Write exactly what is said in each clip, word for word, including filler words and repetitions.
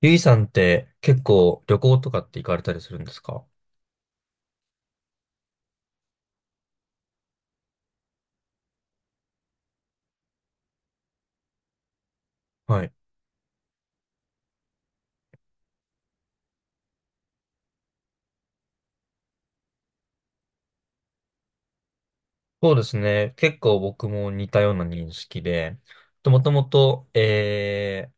ゆいさんって結構旅行とかって行かれたりするんですか？はい。そうですね。結構僕も似たような認識で、もともと、えー、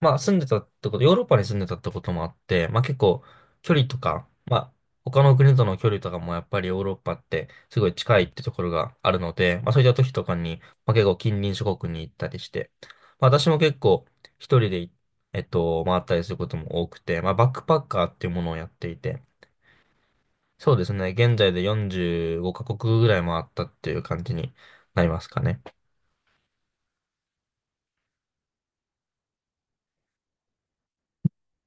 まあ住んでたってこと、ヨーロッパに住んでたってこともあって、まあ結構距離とか、まあ他の国との距離とかもやっぱりヨーロッパってすごい近いってところがあるので、まあそういった時とかに、まあ結構近隣諸国に行ったりして、まあ私も結構一人で、えっと、回ったりすることも多くて、まあバックパッカーっていうものをやっていて、そうですね。現在でよんじゅうごカ国ぐらい回ったっていう感じになりますかね。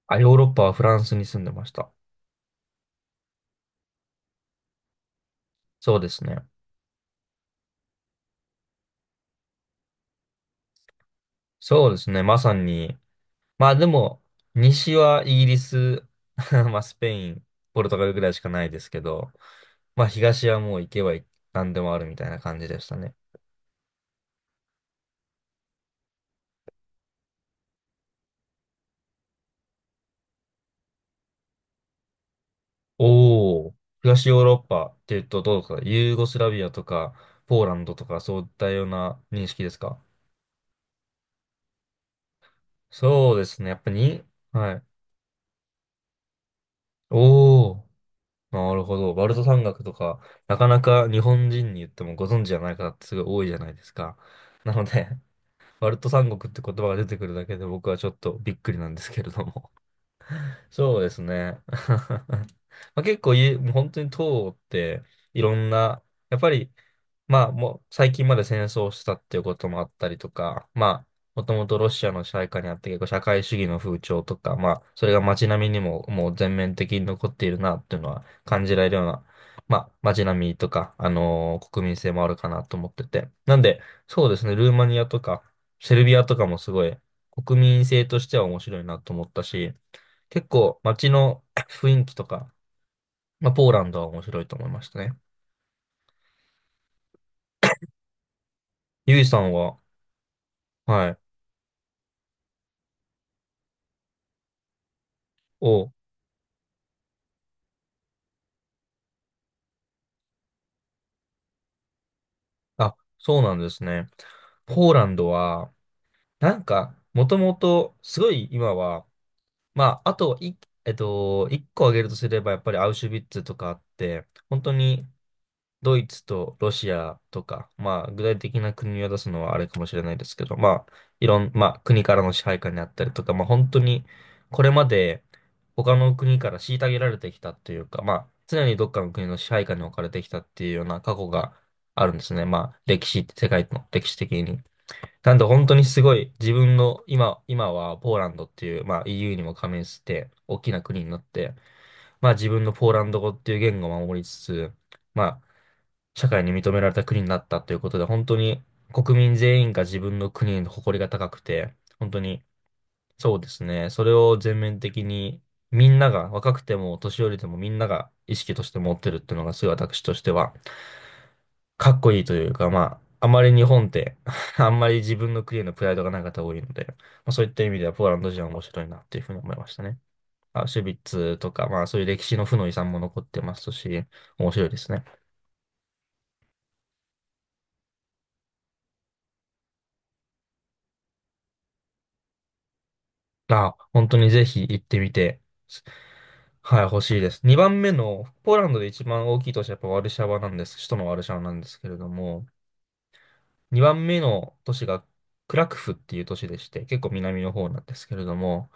あ、ヨーロッパはフランスに住んでました。そうですね。そうですね。まさに。まあでも、西はイギリス、まあスペイン、ポルトガルぐらいしかないですけど、まあ東はもう行けば何でもあるみたいな感じでしたね。おお。東ヨーロッパっていうとどうですか？ユーゴスラビアとか、ポーランドとか、そういったような認識ですか？そうですね。やっぱに、はい。おお。なるほど。バルト三国とか、なかなか日本人に言ってもご存知じゃない方ってすごい多いじゃないですか。なので、バルト三国って言葉が出てくるだけで僕はちょっとびっくりなんですけれども。そうですね。まあ、結構い、もう本当に党っていろんな、やっぱり、まあもう最近まで戦争をしてたっていうこともあったりとか、まあもともとロシアの支配下にあって結構社会主義の風潮とか、まあそれが街並みにももう全面的に残っているなっていうのは感じられるような、まあ街並みとか、あのー国民性もあるかなと思ってて。なんで、そうですね、ルーマニアとか、セルビアとかもすごい国民性としては面白いなと思ったし、結構街の 雰囲気とか、まあ、ポーランドは面白いと思いましたね。ゆいさんは、はい、お、あ、そうなんですね。ポーランドは、なんか、もともと、すごい今は、まあ、あとい、えっと、一個挙げるとすれば、やっぱりアウシュビッツとかあって、本当にドイツとロシアとか、まあ、具体的な国を出すのはあれかもしれないですけど、まあ、いろん、まあ、国からの支配下にあったりとか、まあ、本当に、これまで他の国から虐げられてきたというか、まあ、常にどっかの国の支配下に置かれてきたっていうような過去があるんですね。まあ、歴史、世界の歴史的に。なんで、本当にすごい、自分の、今、今はポーランドっていう、まあ、イーユー にも加盟して、大きな国になって、まあ自分のポーランド語っていう言語を守りつつ、まあ社会に認められた国になったということで、本当に国民全員が自分の国に誇りが高くて、本当にそうですね、それを全面的にみんなが、若くても年寄りでもみんなが意識として持ってるっていうのがすごい私としては、かっこいいというか、まあ、あまり日本って あんまり自分の国へのプライドがない方多いので、まあ、そういった意味ではポーランド人は面白いなっていうふうに思いましたね。アウシュビッツとか、まあそういう歴史の負の遺産も残ってますし、面白いですね。あ、本当にぜひ行ってみて、はい、欲しいです。にばんめの、ポーランドで一番大きい都市はやっぱワルシャワなんです。首都のワルシャワなんですけれども、にばんめの都市がクラクフっていう都市でして、結構南の方なんですけれども、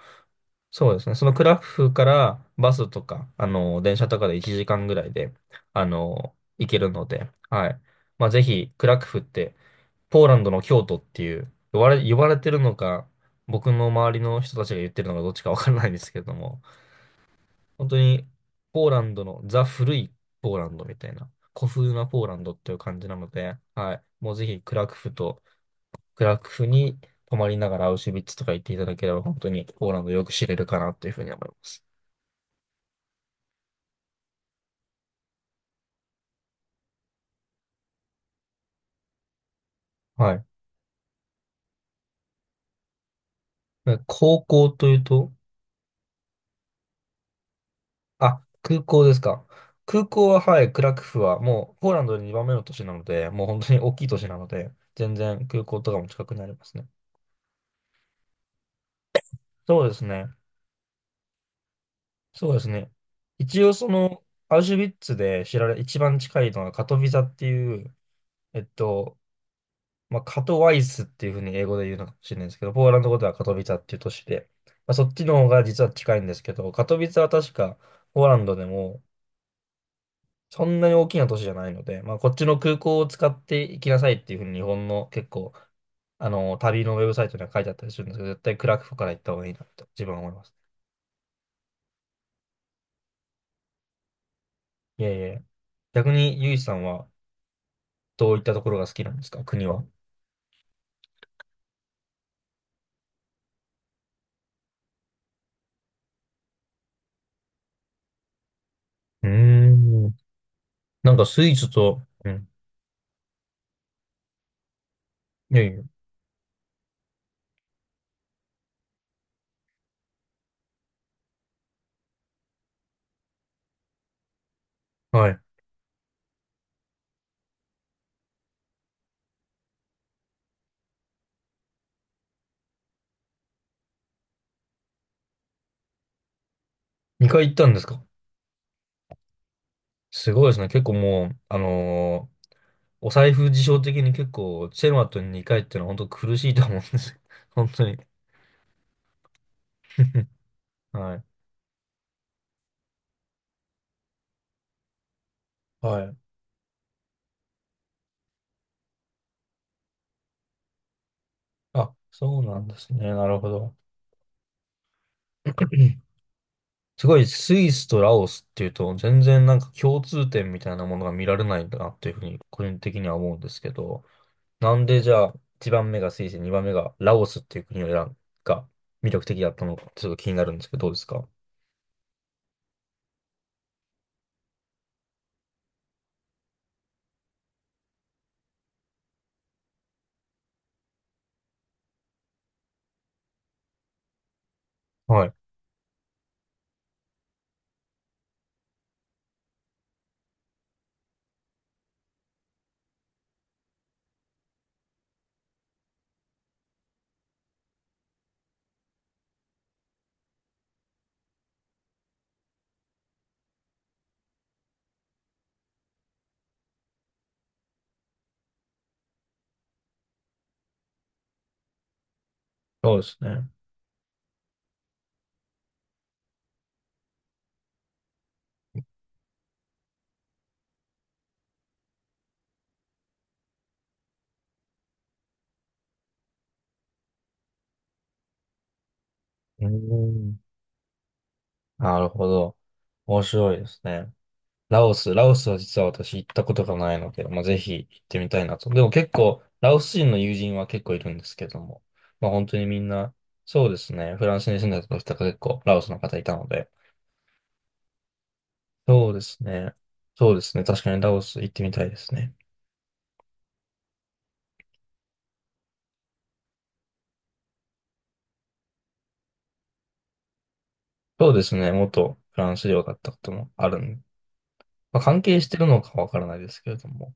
そうですね、そのクラクフからバスとか、あの、電車とかでいちじかんぐらいで、あの、行けるので、はい。まあ、ぜひ、クラクフってポーランドの京都っていう、呼ばれ、呼ばれてるのか、僕の周りの人たちが言ってるのかどっちかわからないんですけれども、本当にポーランドのザ・古いポーランドみたいな、古風なポーランドっていう感じなので、はい。もうぜひクラクフと、クラクフに泊まりながらアウシュビッツとか行っていただければ、本当にポーランドよく知れるかなというふうに思います。はい。で高校というと、あ、空港ですか？空港は、はい、クラクフは、もう、ポーランドでにばんめの都市なので、もう本当に大きい都市なので、全然空港とかも近くにありますね。そうですね。そうですね。一応、その、アウシュビッツで知られ、一番近いのがカトヴィザっていう、えっと、まあ、カトワイスっていうふうに英語で言うのかもしれないですけど、ポーランド語ではカトヴィザっていう都市で、まあ、そっちの方が実は近いんですけど、カトヴィザは確か、ポーランドでも、そんなに大きな都市じゃないので、まあ、こっちの空港を使って行きなさいっていうふうに日本の結構、あの、旅のウェブサイトには書いてあったりするんですけど、絶対クラクフから行った方がいいなと自分は思います。いやいやいや。逆にゆいさんはどういったところが好きなんですか？国は。うーん。なんかスイスと、うん。いやいや。はい。にかい行ったんですか？すごいですね。結構もう、あのーお財布事情的に結構、チェルマットににかいっていうのは本当苦しいと思うんですよ。本当に。はい。はい。あ、そうなんですね。なるほど。すごいスイスとラオスっていうと、全然なんか共通点みたいなものが見られないんだなっていうふうに個人的には思うんですけど、なんでじゃあいちばんめがスイス、にばんめがラオスっていう国を選んが魅力的だったのか、ちょっと気になるんですけど、どうですか？はい。そうですね。うーん。なるほど。面白いですね。ラオス、ラオスは実は私行ったことがないので、まあ、ぜひ行ってみたいなと。でも結構、ラオス人の友人は結構いるんですけども、まあ本当にみんな、そうですね、フランスに住んでた時とか結構ラオスの方いたので、そうですね、そうですね、確かにラオス行ってみたいですね。そうですね、元フランス領だったこともあるんで、まあ関係してるのかわからないですけれども、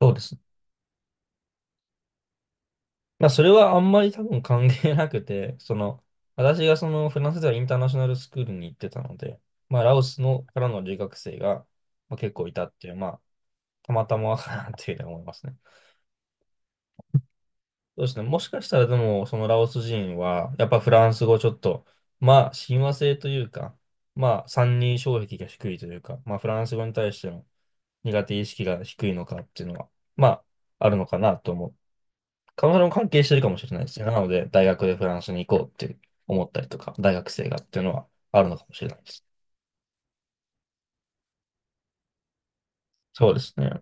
そうですね。まあ、それはあんまり多分関係なくて、その、私がそのフランスではインターナショナルスクールに行ってたので、まあ、ラオスのからの留学生が、まあ、結構いたっていう、まあ、たまたまかなっていうふうに思いますね。そうですね。もしかしたらでも、そのラオス人は、やっぱフランス語ちょっと、まあ、親和性というか、まあ、三人障壁が低いというか、まあ、フランス語に対しての苦手意識が低いのかっていうのは、まあ、あるのかなと思う。彼女も関係してるかもしれないですね。なので、大学でフランスに行こうって思ったりとか、大学生がっていうのはあるのかもしれないです。そうですね。